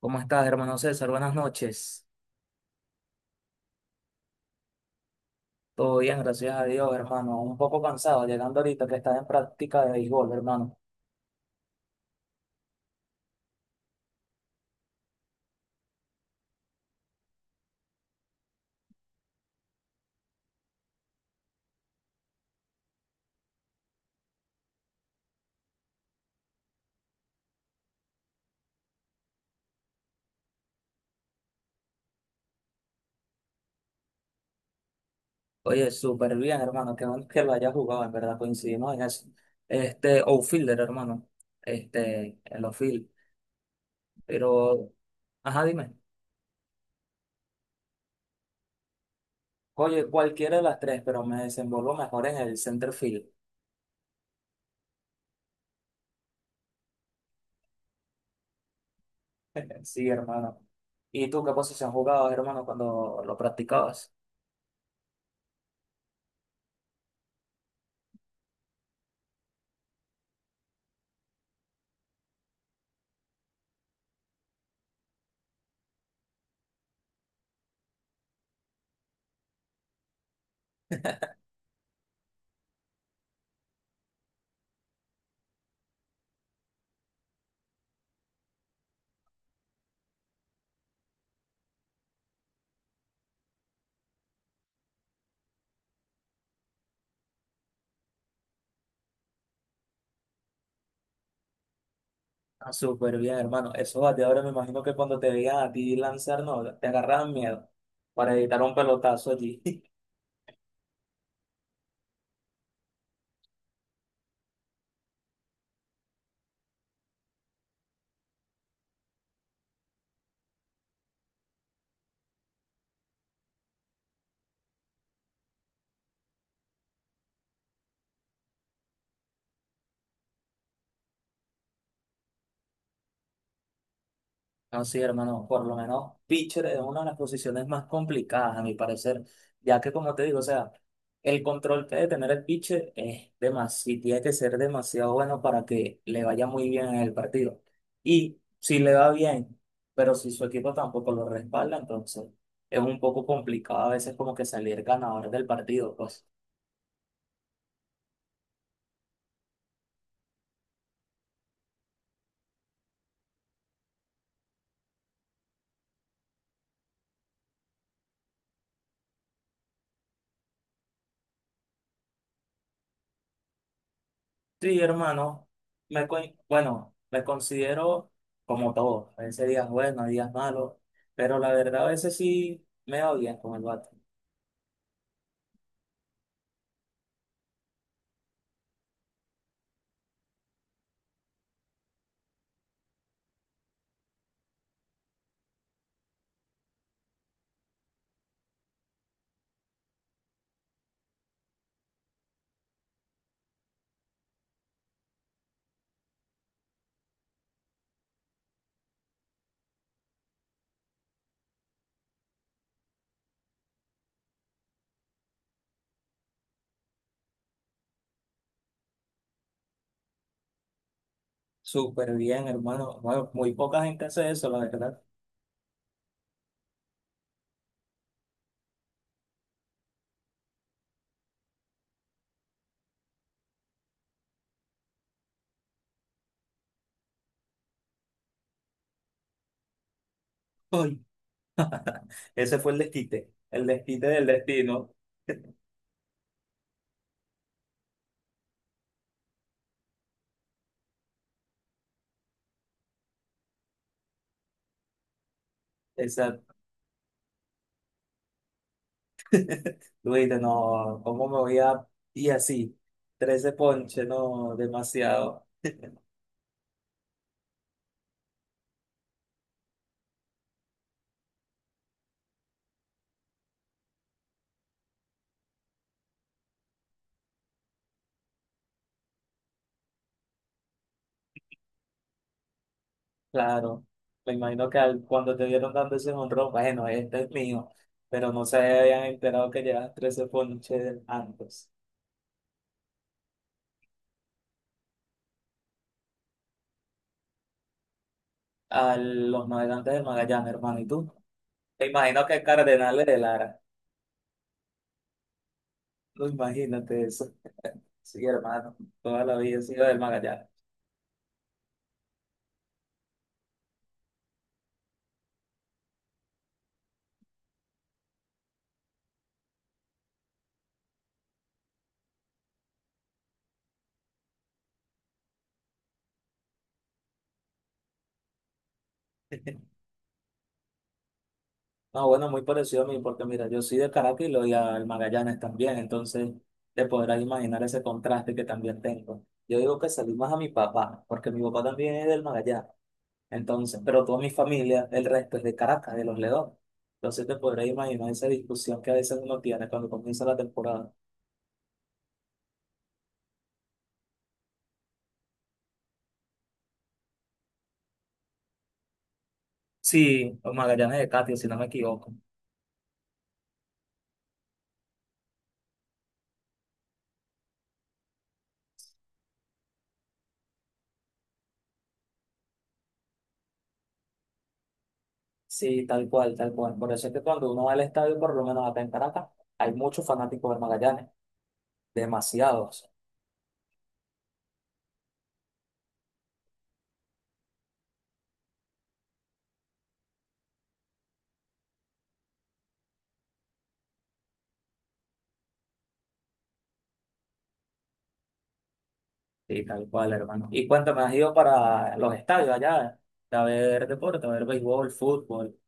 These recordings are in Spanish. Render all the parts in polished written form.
¿Cómo estás, hermano César? Buenas noches. Todo bien, gracias a Dios, hermano. Un poco cansado, llegando ahorita que estás en práctica de béisbol, hermano. Oye, súper bien, hermano. Qué bueno que lo hayas jugado, en verdad, coincidimos en eso. Este, outfielder, hermano. Este, el outfield. Pero, ajá, dime. Oye, cualquiera de las tres, pero me desenvuelvo mejor en el center field. Sí, hermano. ¿Y tú qué posición jugabas, hermano, cuando lo practicabas? Ah, súper bien, hermano. Eso va, de ahora me imagino que cuando te veían a ti lanzar, no, te agarraban miedo para evitar un pelotazo allí. No, sí, hermano, por lo menos pitcher es una de las posiciones más complicadas, a mi parecer, ya que como te digo, o sea, el control que debe tener el pitcher es demasiado, tiene que ser demasiado bueno para que le vaya muy bien en el partido. Y si le va bien, pero si su equipo tampoco lo respalda, entonces es un poco complicado a veces como que salir ganador del partido, pues. Sí, hermano, me, co- bueno, me considero como todo, a veces días buenos, hay días malos, pero la verdad a veces sí me va bien con el bate. Súper bien, hermano. Bueno, muy poca gente hace eso, la verdad. Uy, ese fue el desquite del destino. Exacto. Tú dices, no, ¿cómo me voy a? Y así, 13 ponches, no, demasiado. Claro, me imagino que cuando te vieron dando ese honrón, bueno, este es mío, pero no se habían enterado que llevas 13 ponches antes. A los navegantes de Magallanes, hermano, ¿y tú? Me imagino que Cardenales de Lara, no imagínate eso. Sí, hermano, toda la vida he sido del Magallanes. No, bueno, muy parecido a mí, porque mira, yo soy de Caracas y lo y al Magallanes también, entonces te podrás imaginar ese contraste que también tengo. Yo digo que salí más a mi papá, porque mi papá también es del Magallanes. Entonces, pero toda mi familia, el resto es de Caracas, de Los Leones. Entonces te podrás imaginar esa discusión que a veces uno tiene cuando comienza la temporada. Sí, o Magallanes de Catia, si no me equivoco. Sí, tal cual, tal cual. Por eso es que cuando uno va al estadio, por lo menos acá en Caracas, hay muchos fanáticos de Magallanes, demasiados. Sí, tal cual, hermano. Y cuéntame, ¿has ido para los estadios allá? A ver deporte, a ver béisbol, fútbol.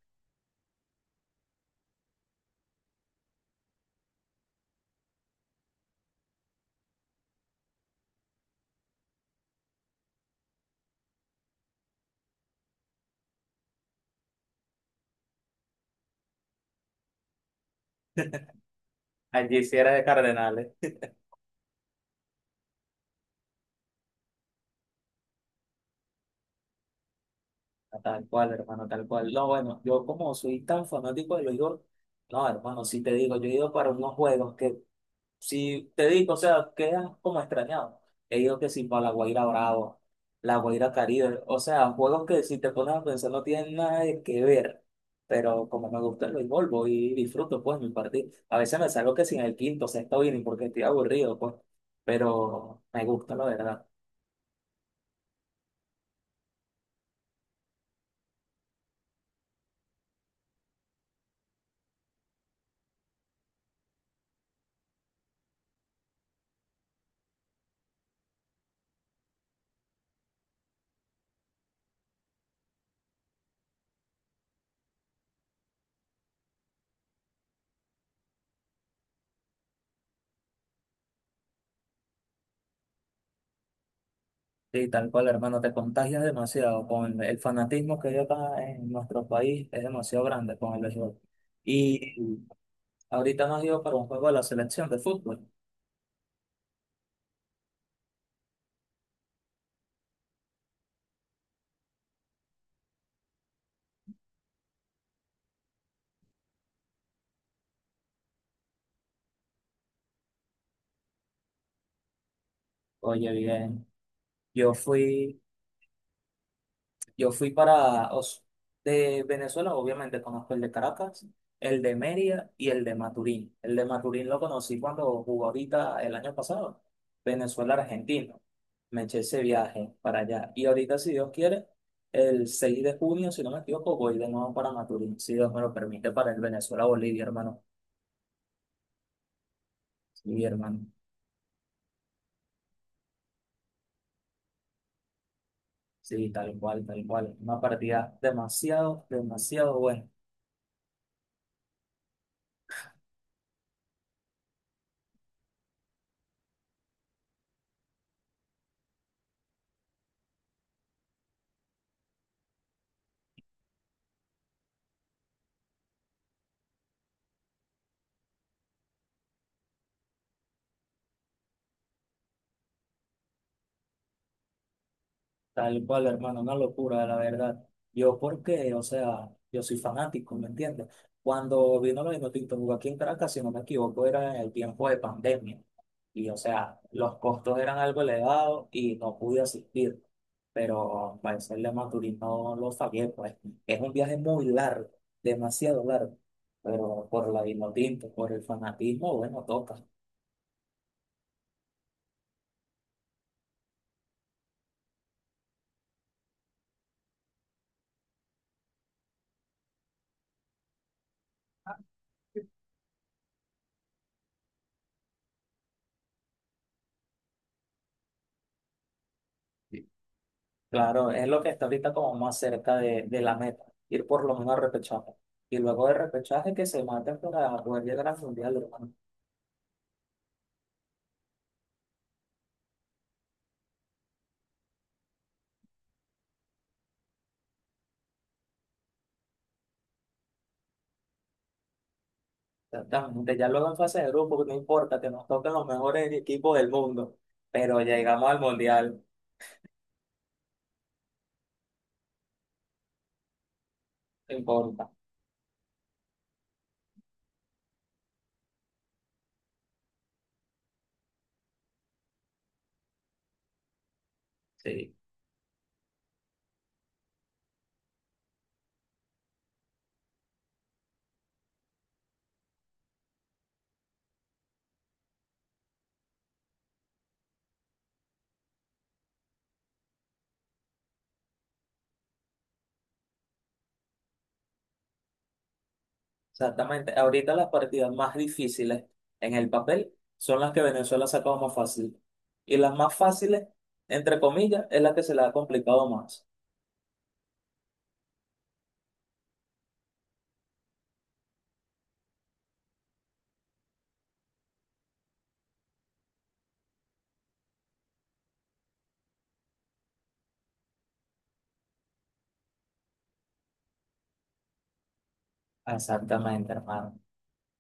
Allí sí era de Cardenales. Tal cual, hermano, tal cual. No, bueno, yo como soy tan fanático de los juegos, no, hermano, si te digo, yo he ido para unos juegos que, si te digo, o sea, quedas como extrañado. He ido que sí para la Guaira Bravo, la Guaira Caribe, o sea, juegos que si te pones a pensar no tienen nada de que ver, pero como me gusta el béisbol, voy y disfruto pues mi partido. A veces me salgo que sin el quinto, sexto inning porque estoy aburrido, pues, pero me gusta, la verdad. Sí, tal cual, hermano, te contagias demasiado con el fanatismo que hay acá en nuestro país, es demasiado grande con el béisbol. Y ahorita nos dio para un juego de la selección de fútbol. Oye, bien, yo fui Yo fui para de Venezuela, obviamente conozco el de Caracas, el de Mérida y el de Maturín. El de Maturín lo conocí cuando jugó ahorita el año pasado, Venezuela-Argentino. Me eché ese viaje para allá. Y ahorita, si Dios quiere, el 6 de junio, si no me equivoco, voy de nuevo para Maturín, si Dios me lo permite, para el Venezuela-Bolivia, hermano. Sí, hermano. Sí, tal cual, tal cual. Una partida demasiado, demasiado buena. Tal cual, hermano, una locura, la verdad. Yo porque, o sea, yo soy fanático, ¿me entiendes? Cuando vino lo de Tinto jugó aquí en Caracas, si no me equivoco, era en el tiempo de pandemia. Y, o sea, los costos eran algo elevados y no pude asistir. Pero para hacerle Maturín no lo sabía, pues. Es un viaje muy largo, demasiado largo. Pero por la Vinotinto, por el fanatismo, bueno, toca. Claro, es lo que está ahorita como más cerca de la meta, ir por lo menos al repechaje. Y luego de repechaje que se maten para poder llegar al mundial, hermano. Exactamente, ya luego en fase de grupo, no importa, que nos toquen los mejores equipos del mundo, pero llegamos al mundial, no importa. Sí, exactamente. Ahorita las partidas más difíciles en el papel son las que Venezuela ha sacado más fácil. Y las más fáciles, entre comillas, es la que se le ha complicado más. Exactamente, hermano.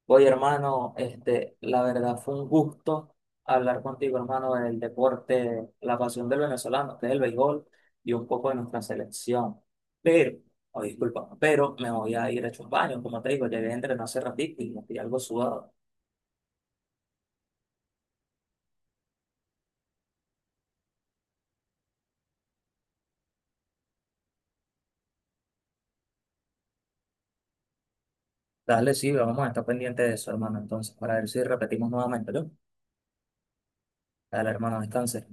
Oye, hermano, este, la verdad fue un gusto hablar contigo, hermano, del deporte, la pasión del venezolano, que es el béisbol, y un poco de nuestra selección. Pero, oh, disculpa, pero me voy a ir a echar un baño, como te digo, llegué a entrenar hace ratito y me estoy algo sudado. Dale, sí, vamos a estar pendiente de eso, hermano, entonces, para ver si repetimos nuevamente, ¿no? Dale, hermano, descanse.